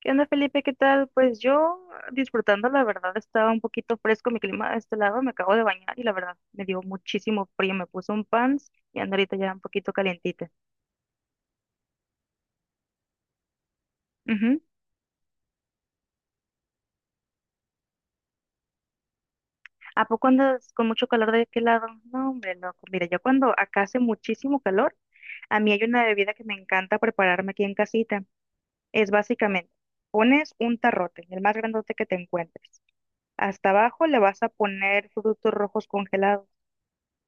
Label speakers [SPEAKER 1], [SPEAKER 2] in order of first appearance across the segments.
[SPEAKER 1] ¿Qué onda, Felipe? ¿Qué tal? Pues yo disfrutando, la verdad, estaba un poquito fresco mi clima de este lado, me acabo de bañar y la verdad me dio muchísimo frío, me puse un pants y ando ahorita ya un poquito calientita. Ujú. ¿A poco andas con mucho calor de qué lado? No, hombre, loco. Mira, yo cuando acá hace muchísimo calor, a mí hay una bebida que me encanta prepararme aquí en casita. Es básicamente, pones un tarrote, el más grandote que te encuentres. Hasta abajo le vas a poner frutos rojos congelados.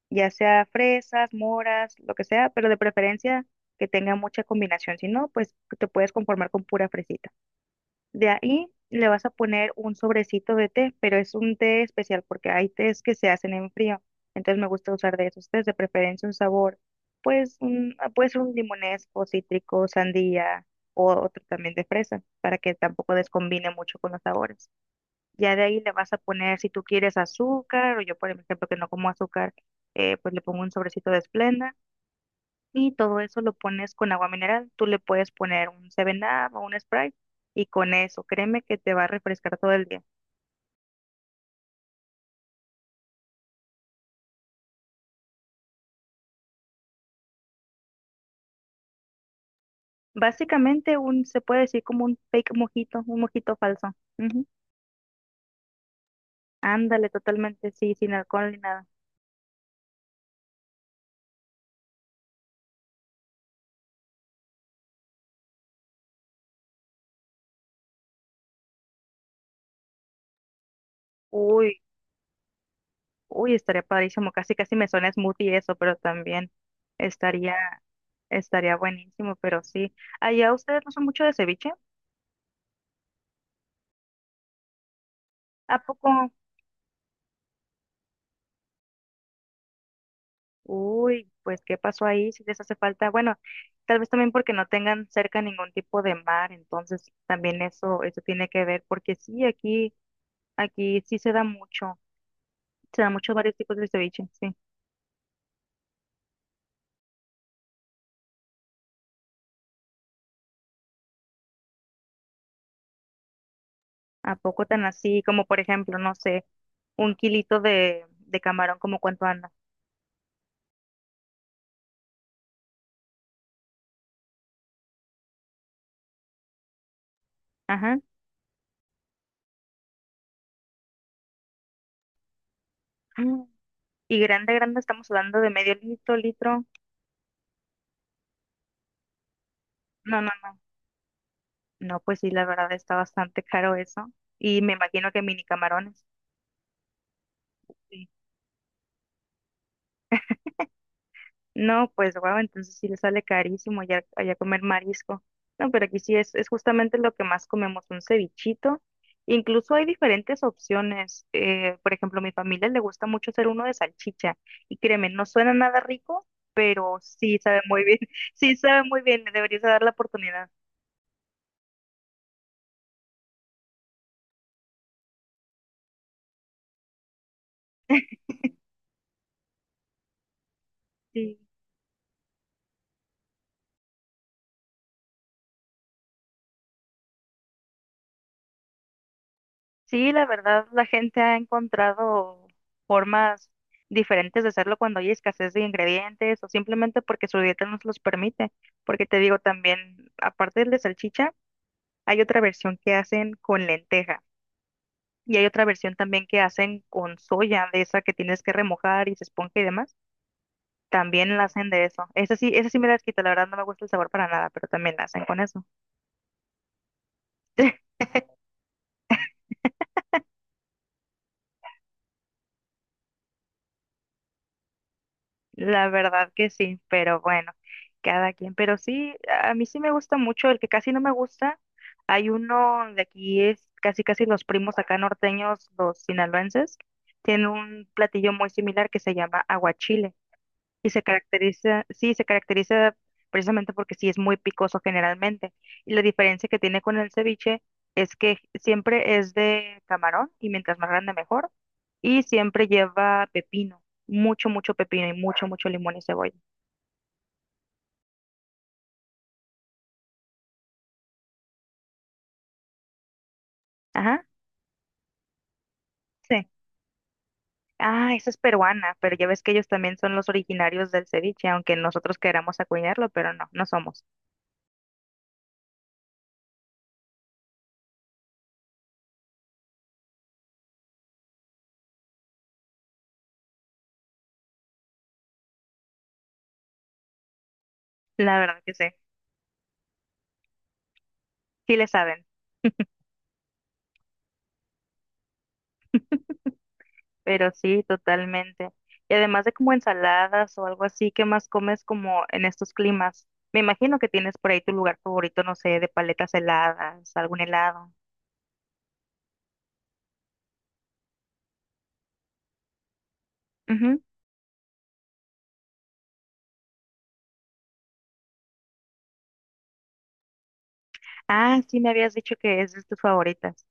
[SPEAKER 1] Ya sea fresas, moras, lo que sea, pero de preferencia que tenga mucha combinación, si no, pues te puedes conformar con pura fresita. De ahí le vas a poner un sobrecito de té, pero es un té especial porque hay tés que se hacen en frío, entonces me gusta usar de esos tés, de preferencia un sabor, pues puede ser un limonesco, cítrico, sandía o otro también de fresa, para que tampoco descombine mucho con los sabores. Ya de ahí le vas a poner, si tú quieres azúcar, o yo por ejemplo que no como azúcar, pues le pongo un sobrecito de Splenda y todo eso lo pones con agua mineral. Tú le puedes poner un 7-Up o un Sprite y con eso, créeme que te va a refrescar todo el día. Básicamente un, se puede decir como un fake mojito, un mojito falso. Ujú. Ándale, totalmente, sí, sin alcohol ni nada. Uy, uy, estaría padrísimo, casi casi me suena smoothie eso, pero también estaría... Estaría buenísimo, pero sí. Allá ustedes no son mucho de ceviche, ¿a poco? Uy, pues ¿qué pasó ahí? Si les hace falta, bueno, tal vez también porque no tengan cerca ningún tipo de mar, entonces también eso, tiene que ver, porque sí, aquí, sí se da mucho varios tipos de ceviche, sí. ¿A poco tan así? Como por ejemplo, no sé, un kilito de camarón, ¿como cuánto anda? Ajá. Mm. Y grande, grande, estamos hablando de medio litro, litro. No, no, no. No, pues sí, la verdad está bastante caro eso. Y me imagino que mini camarones. Sí. No, pues wow, entonces sí le sale carísimo ya, allá comer marisco. No, pero aquí sí es justamente lo que más comemos, un cevichito. Incluso hay diferentes opciones. Por ejemplo, a mi familia le gusta mucho hacer uno de salchicha. Y créeme, no suena nada rico, pero sí sabe muy bien. Sí sabe muy bien, le deberías dar la oportunidad. Sí. Sí, la verdad, la gente ha encontrado formas diferentes de hacerlo cuando hay escasez de ingredientes o simplemente porque su dieta nos los permite. Porque te digo también, aparte del de salchicha, hay otra versión que hacen con lenteja y hay otra versión también que hacen con soya, de esa que tienes que remojar y se esponja y demás. También la hacen de eso. Esa sí me la quita, la verdad no me gusta el sabor para nada, pero también la hacen con eso. La verdad que sí, pero bueno, cada quien. Pero sí, a mí sí me gusta mucho, el que casi no me gusta, hay uno de aquí, es casi casi los primos acá norteños, los sinaloenses, tienen un platillo muy similar que se llama aguachile. Y se caracteriza, sí, se caracteriza precisamente porque sí es muy picoso generalmente. Y la diferencia que tiene con el ceviche es que siempre es de camarón y mientras más grande mejor. Y siempre lleva pepino, mucho, mucho pepino y mucho, mucho limón y cebolla. Ajá, sí. Ah, esa es peruana, pero ya ves que ellos también son los originarios del ceviche, aunque nosotros queramos acuñarlo, pero no, no somos. La verdad que sí, sí le saben. Pero sí, totalmente. Y además de como ensaladas o algo así, ¿qué más comes como en estos climas? Me imagino que tienes por ahí tu lugar favorito, no sé, de paletas heladas, algún helado. Ujú. Ah, sí, me habías dicho que es de tus favoritas.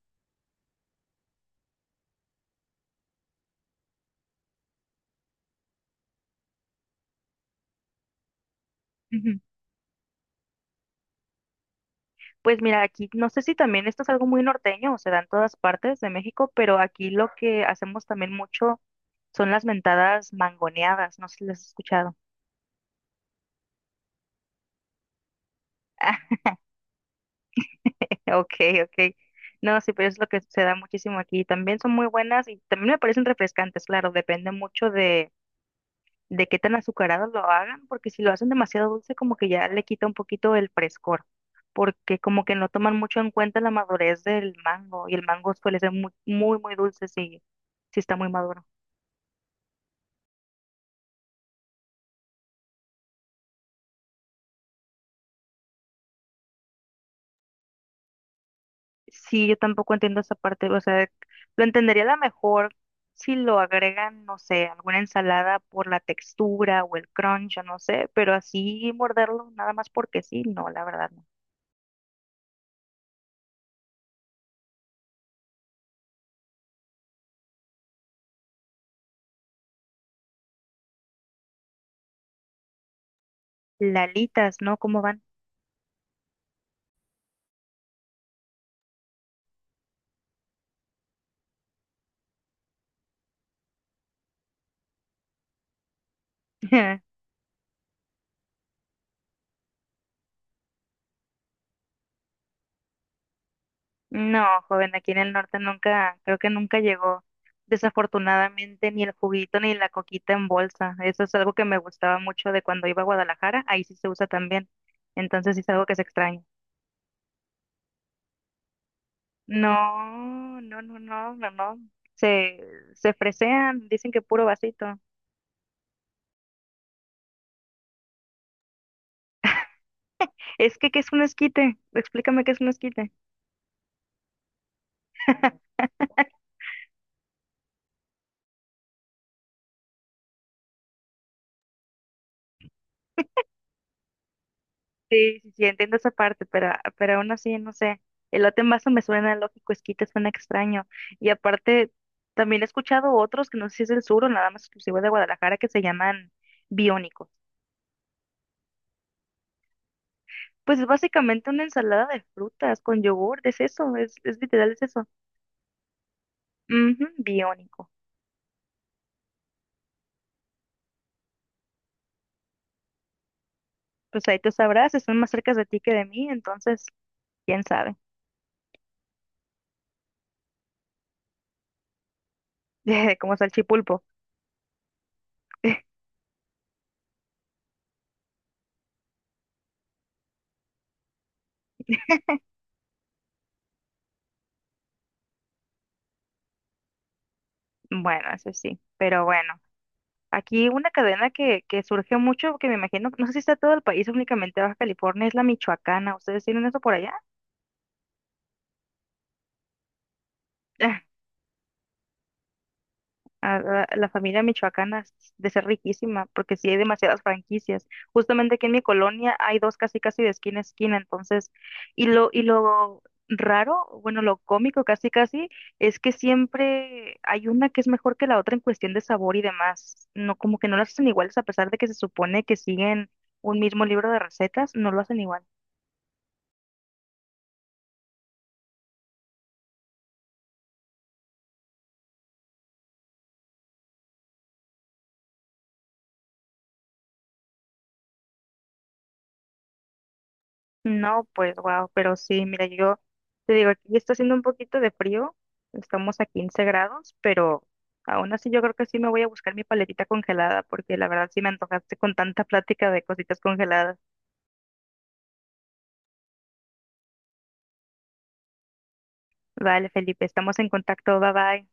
[SPEAKER 1] Ujú. Pues mira, aquí no sé si también esto es algo muy norteño o se da en todas partes de México, pero aquí lo que hacemos también mucho son las mentadas mangoneadas, no sé si las has escuchado. Okay, okay. No, sí, pero es lo que se da muchísimo aquí. También son muy buenas y también me parecen refrescantes, claro, depende mucho de qué tan azucaradas lo hagan, porque si lo hacen demasiado dulce, como que ya le quita un poquito el frescor, porque como que no toman mucho en cuenta la madurez del mango, y el mango suele ser muy, muy, muy dulce si está muy maduro. Sí, yo tampoco entiendo esa parte, o sea, lo entendería a lo mejor si lo agregan, no sé, alguna ensalada por la textura o el crunch, o no sé, pero así morderlo nada más porque sí, no, la verdad no. Lalitas, ¿no? ¿Cómo van? No, joven, aquí en el norte nunca, creo que nunca llegó, desafortunadamente, ni el juguito ni la coquita en bolsa. Eso es algo que me gustaba mucho de cuando iba a Guadalajara, ahí sí se usa también, entonces sí es algo que se extraña. No, no, no, no, no, no. Se, se fresean, dicen que puro vasito. Es que, ¿qué es un esquite? Explícame qué es un esquite. Sí, sí, sí, entiendo esa parte, pero, aún así, no sé. Elote en vaso me suena lógico, esquite suena extraño. Y aparte, también he escuchado otros que no sé si es del sur o nada más exclusivo de Guadalajara que se llaman biónicos. Pues es básicamente una ensalada de frutas con yogur, es eso, es literal, es eso. Ujú, biónico. Pues ahí tú sabrás, están más cerca de ti que de mí, entonces, quién sabe, como salchipulpo. Bueno, eso sí, pero bueno, aquí una cadena que surge mucho, que me imagino, no sé si está todo el país, únicamente Baja California, es la michoacana. ¿Ustedes tienen eso por allá? A la, la familia michoacana de ser riquísima, porque sí hay demasiadas franquicias. Justamente aquí en mi colonia hay dos casi casi de esquina a esquina, entonces, y lo raro, bueno, lo cómico casi casi, es que siempre hay una que es mejor que la otra en cuestión de sabor y demás. No, como que no las hacen iguales a pesar de que se supone que siguen un mismo libro de recetas, no lo hacen igual. No, pues wow, pero sí, mira, yo te digo, aquí está haciendo un poquito de frío, estamos a 15 grados, pero aún así yo creo que sí me voy a buscar mi paletita congelada, porque la verdad sí me antojaste con tanta plática de cositas congeladas. Vale, Felipe, estamos en contacto, bye bye.